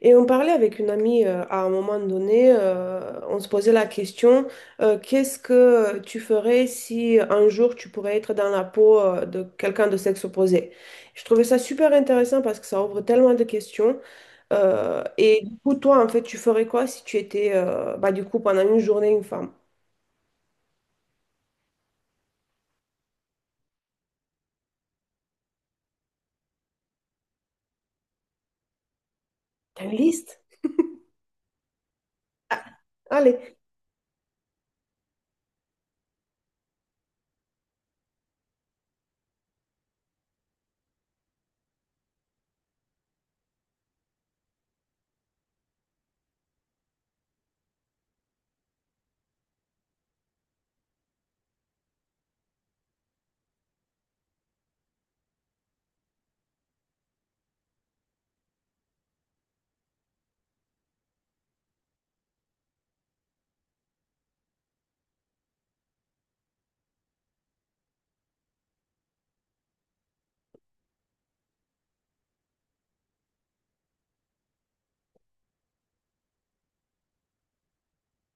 Et on parlait avec une amie à un moment donné, on se posait la question, qu'est-ce que tu ferais si un jour tu pourrais être dans la peau de quelqu'un de sexe opposé? Je trouvais ça super intéressant parce que ça ouvre tellement de questions. Et du coup, toi, en fait, tu ferais quoi si tu étais, bah, du coup, pendant une journée, une femme? T'as une liste? Ah, allez,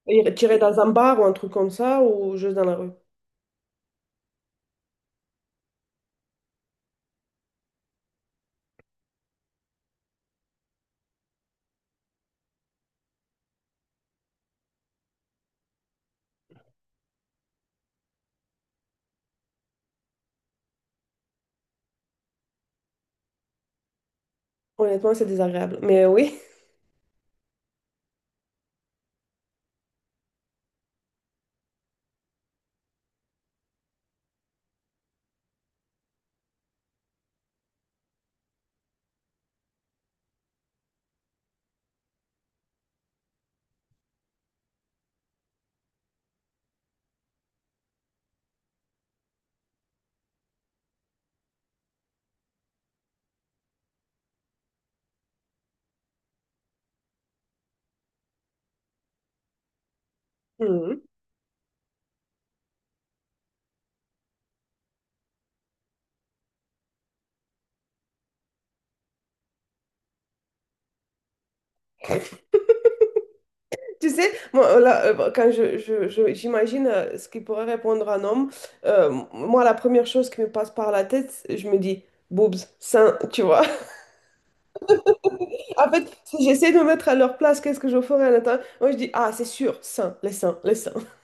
tu irais dans un bar ou un truc comme ça ou juste dans la rue? Honnêtement, c'est désagréable, mais oui. Tu sais, moi, là, bah, quand j'imagine ce qu'il pourrait répondre un homme, moi, la première chose qui me passe par la tête, je me dis, boobs, seins, tu vois. En fait, si j'essaie de me mettre à leur place, qu'est-ce que je ferais à l'intérieur? Moi, je dis, ah, c'est sûr, seins, les seins, les seins.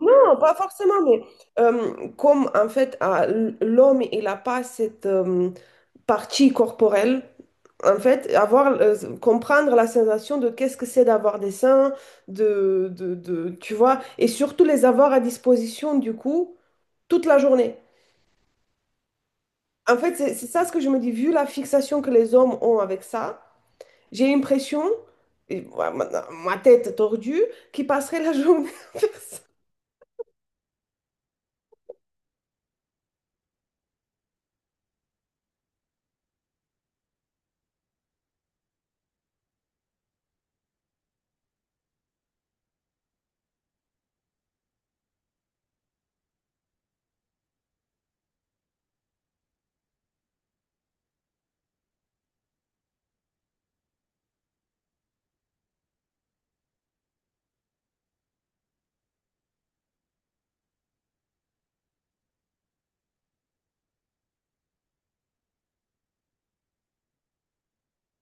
Non, pas forcément, mais comme en fait, ah, l'homme, il n'a pas cette, partie corporelle. En fait, avoir, comprendre la sensation de qu'est-ce que c'est d'avoir des seins, tu vois, et surtout les avoir à disposition, du coup, toute la journée. En fait, c'est ça ce que je me dis, vu la fixation que les hommes ont avec ça, j'ai l'impression, et ma tête tordue, qu'ils passeraient la journée à faire ça.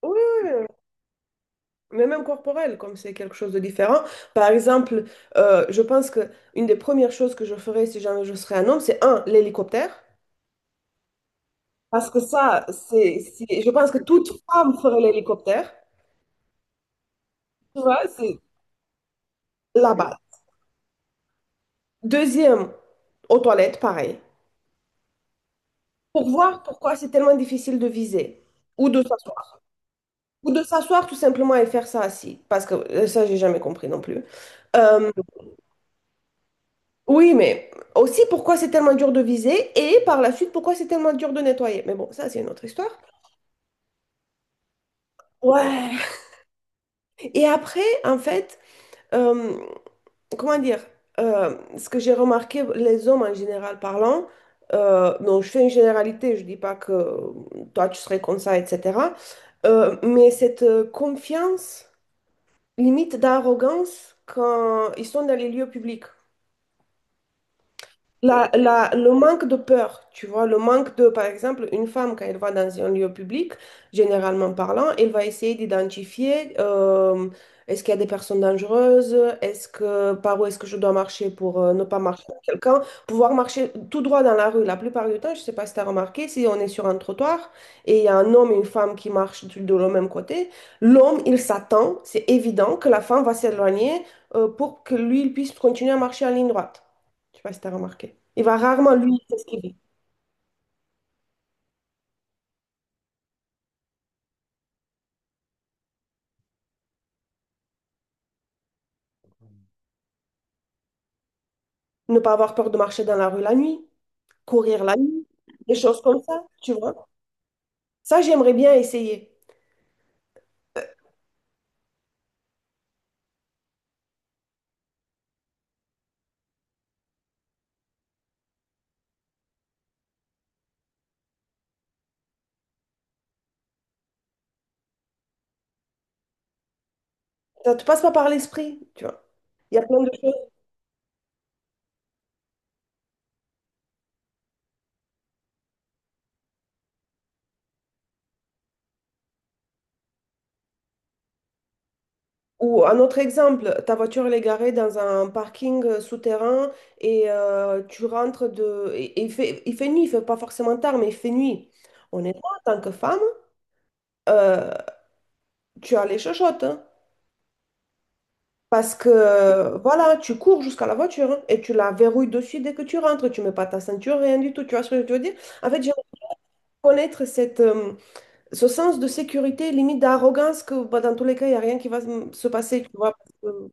Oui, oui, oui. Mais même corporel, comme c'est quelque chose de différent. Par exemple, je pense que une des premières choses que je ferais si jamais je serais un homme, c'est un, l'hélicoptère. Parce que ça, je pense que toute femme ferait l'hélicoptère. Tu vois, c'est là-bas. Deuxième, aux toilettes, pareil. Pour voir pourquoi c'est tellement difficile de viser ou de s'asseoir. Ou de s'asseoir tout simplement et faire ça assis. Parce que ça, j'ai jamais compris non plus. Euh, Oui, mais aussi pourquoi c'est tellement dur de viser et par la suite pourquoi c'est tellement dur de nettoyer. Mais bon, ça c'est une autre histoire. Ouais. Et après, en fait, euh, comment dire, ce que j'ai remarqué, les hommes en général parlant, donc je fais une généralité, je dis pas que toi tu serais comme ça, etc. Mais cette confiance, limite d'arrogance quand ils sont dans les lieux publics. Le manque de peur, tu vois, le manque de, par exemple, une femme, quand elle va dans un lieu public, généralement parlant, elle va essayer d'identifier, est-ce qu'il y a des personnes dangereuses, est-ce que, par où est-ce que je dois marcher pour ne pas marcher avec quelqu'un, pouvoir marcher tout droit dans la rue. La plupart du temps, je ne sais pas si tu as remarqué, si on est sur un trottoir et il y a un homme et une femme qui marchent de le même côté, l'homme, il s'attend, c'est évident que la femme va s'éloigner, pour que lui, il puisse continuer à marcher en ligne droite. Je sais pas si tu as remarqué. Il va rarement, lui, s'esquiver. Ne pas avoir peur de marcher dans la rue la nuit, courir la nuit, des choses comme ça, tu vois. Ça, j'aimerais bien essayer. Ça te passe pas par l'esprit, tu vois. Il y a plein de choses. Ou un autre exemple, ta voiture elle est garée dans un parking souterrain et tu rentres de... Et il fait nuit, il fait pas forcément tard, mais il fait nuit. Honnêtement, en tant que femme, euh, tu as les chochottes, hein. Parce que voilà, tu cours jusqu'à la voiture et tu la verrouilles dessus dès que tu rentres. Tu mets pas ta ceinture, rien du tout. Tu vois ce que je veux dire? En fait, j'aimerais connaître cette, ce sens de sécurité, limite d'arrogance, que bah, dans tous les cas, il n'y a rien qui va se passer. Tu vois?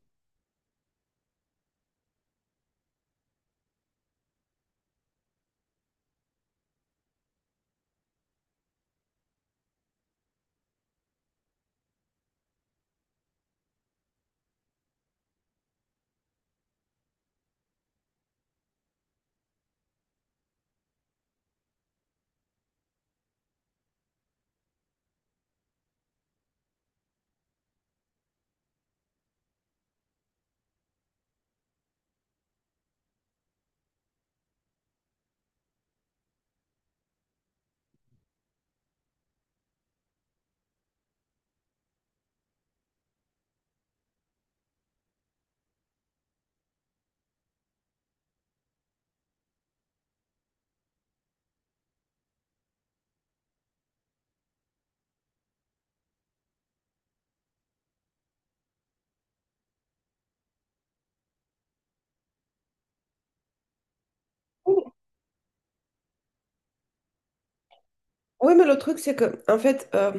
Oui, mais le truc, c'est que, en fait,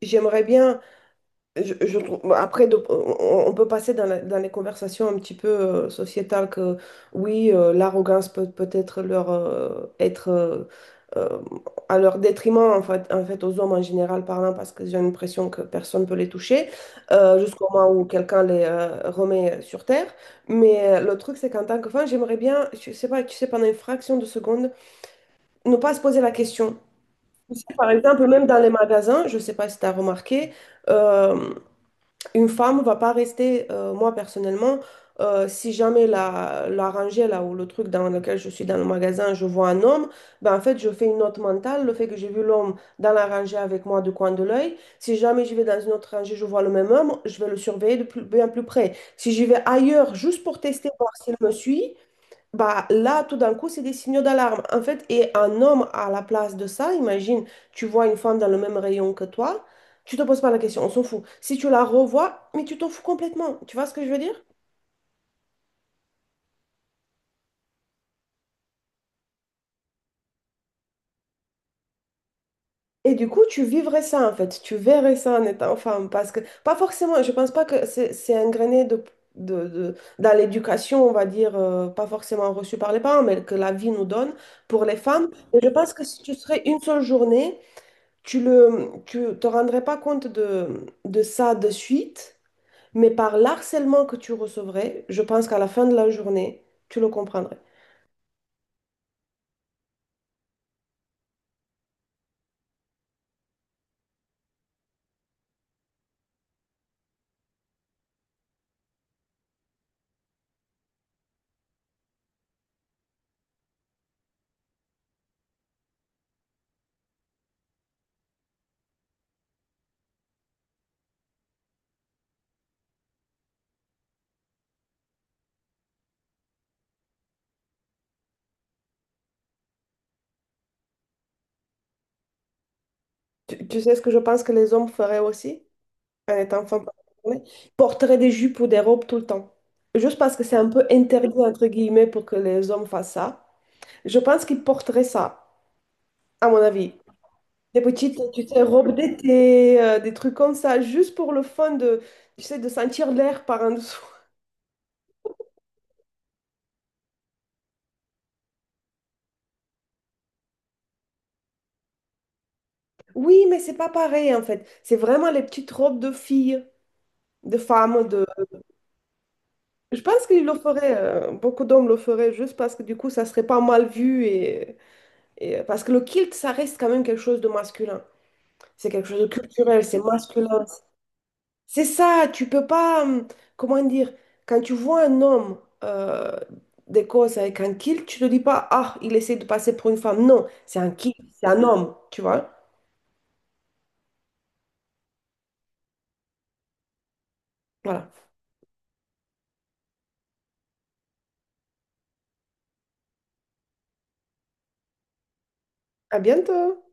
j'aimerais bien. Je trouve, bon, après, on peut passer dans, dans les conversations un petit peu sociétales que oui, l'arrogance peut peut-être leur être euh, à leur détriment en fait, aux hommes en général parlant parce que j'ai l'impression que personne ne peut les toucher jusqu'au moment où quelqu'un les remet sur terre. Mais le truc, c'est qu'en tant que femme, j'aimerais bien, je sais pas, tu sais, pendant une fraction de seconde, ne pas se poser la question. Tu sais, par exemple, même dans les magasins, je sais pas si tu as remarqué. euh, une femme va pas rester, moi personnellement, si jamais la rangée là ou le truc dans lequel je suis dans le magasin, je vois un homme, ben en fait je fais une note mentale, le fait que j'ai vu l'homme dans la rangée avec moi du coin de l'œil. Si jamais je vais dans une autre rangée, je vois le même homme, je vais le surveiller de plus, bien plus près. Si j'y vais ailleurs juste pour tester, voir s'il me suit, bah, là, tout d'un coup, c'est des signaux d'alarme. En fait, et un homme à la place de ça, imagine, tu vois une femme dans le même rayon que toi, tu te poses pas la question, on s'en fout. Si tu la revois, mais tu t'en fous complètement. Tu vois ce que je veux dire? Et du coup, tu vivrais ça, en fait. Tu verrais ça en étant femme. Parce que, pas forcément, je pense pas que c'est ingréné dans l'éducation, on va dire, pas forcément reçue par les parents, mais que la vie nous donne pour les femmes. Et je pense que si tu serais une seule journée, tu te rendrais pas compte de ça de suite, mais par l'harcèlement que tu recevrais, je pense qu'à la fin de la journée, tu le comprendrais. Tu sais ce que je pense que les hommes feraient aussi en étant femmes. Ils porteraient des jupes ou des robes tout le temps. Juste parce que c'est un peu interdit, entre guillemets, pour que les hommes fassent ça. Je pense qu'ils porteraient ça, à mon avis. Des petites, tu sais, robes d'été, des trucs comme ça, juste pour le fun de, tu sais, de sentir l'air par en dessous. Oui, mais c'est pas pareil en fait. C'est vraiment les petites robes de filles, de femmes, de... Je pense qu'ils le feraient, beaucoup d'hommes le feraient juste parce que du coup, ça serait pas mal vu et, parce que le kilt, ça reste quand même quelque chose de masculin. C'est quelque chose de culturel, c'est masculin. C'est ça, tu peux pas, comment dire, quand tu vois un homme euh, d'Écosse avec un kilt, tu te dis pas, ah, il essaie de passer pour une femme. Non, c'est un kilt, c'est un homme, tu vois. Voilà. À bientôt.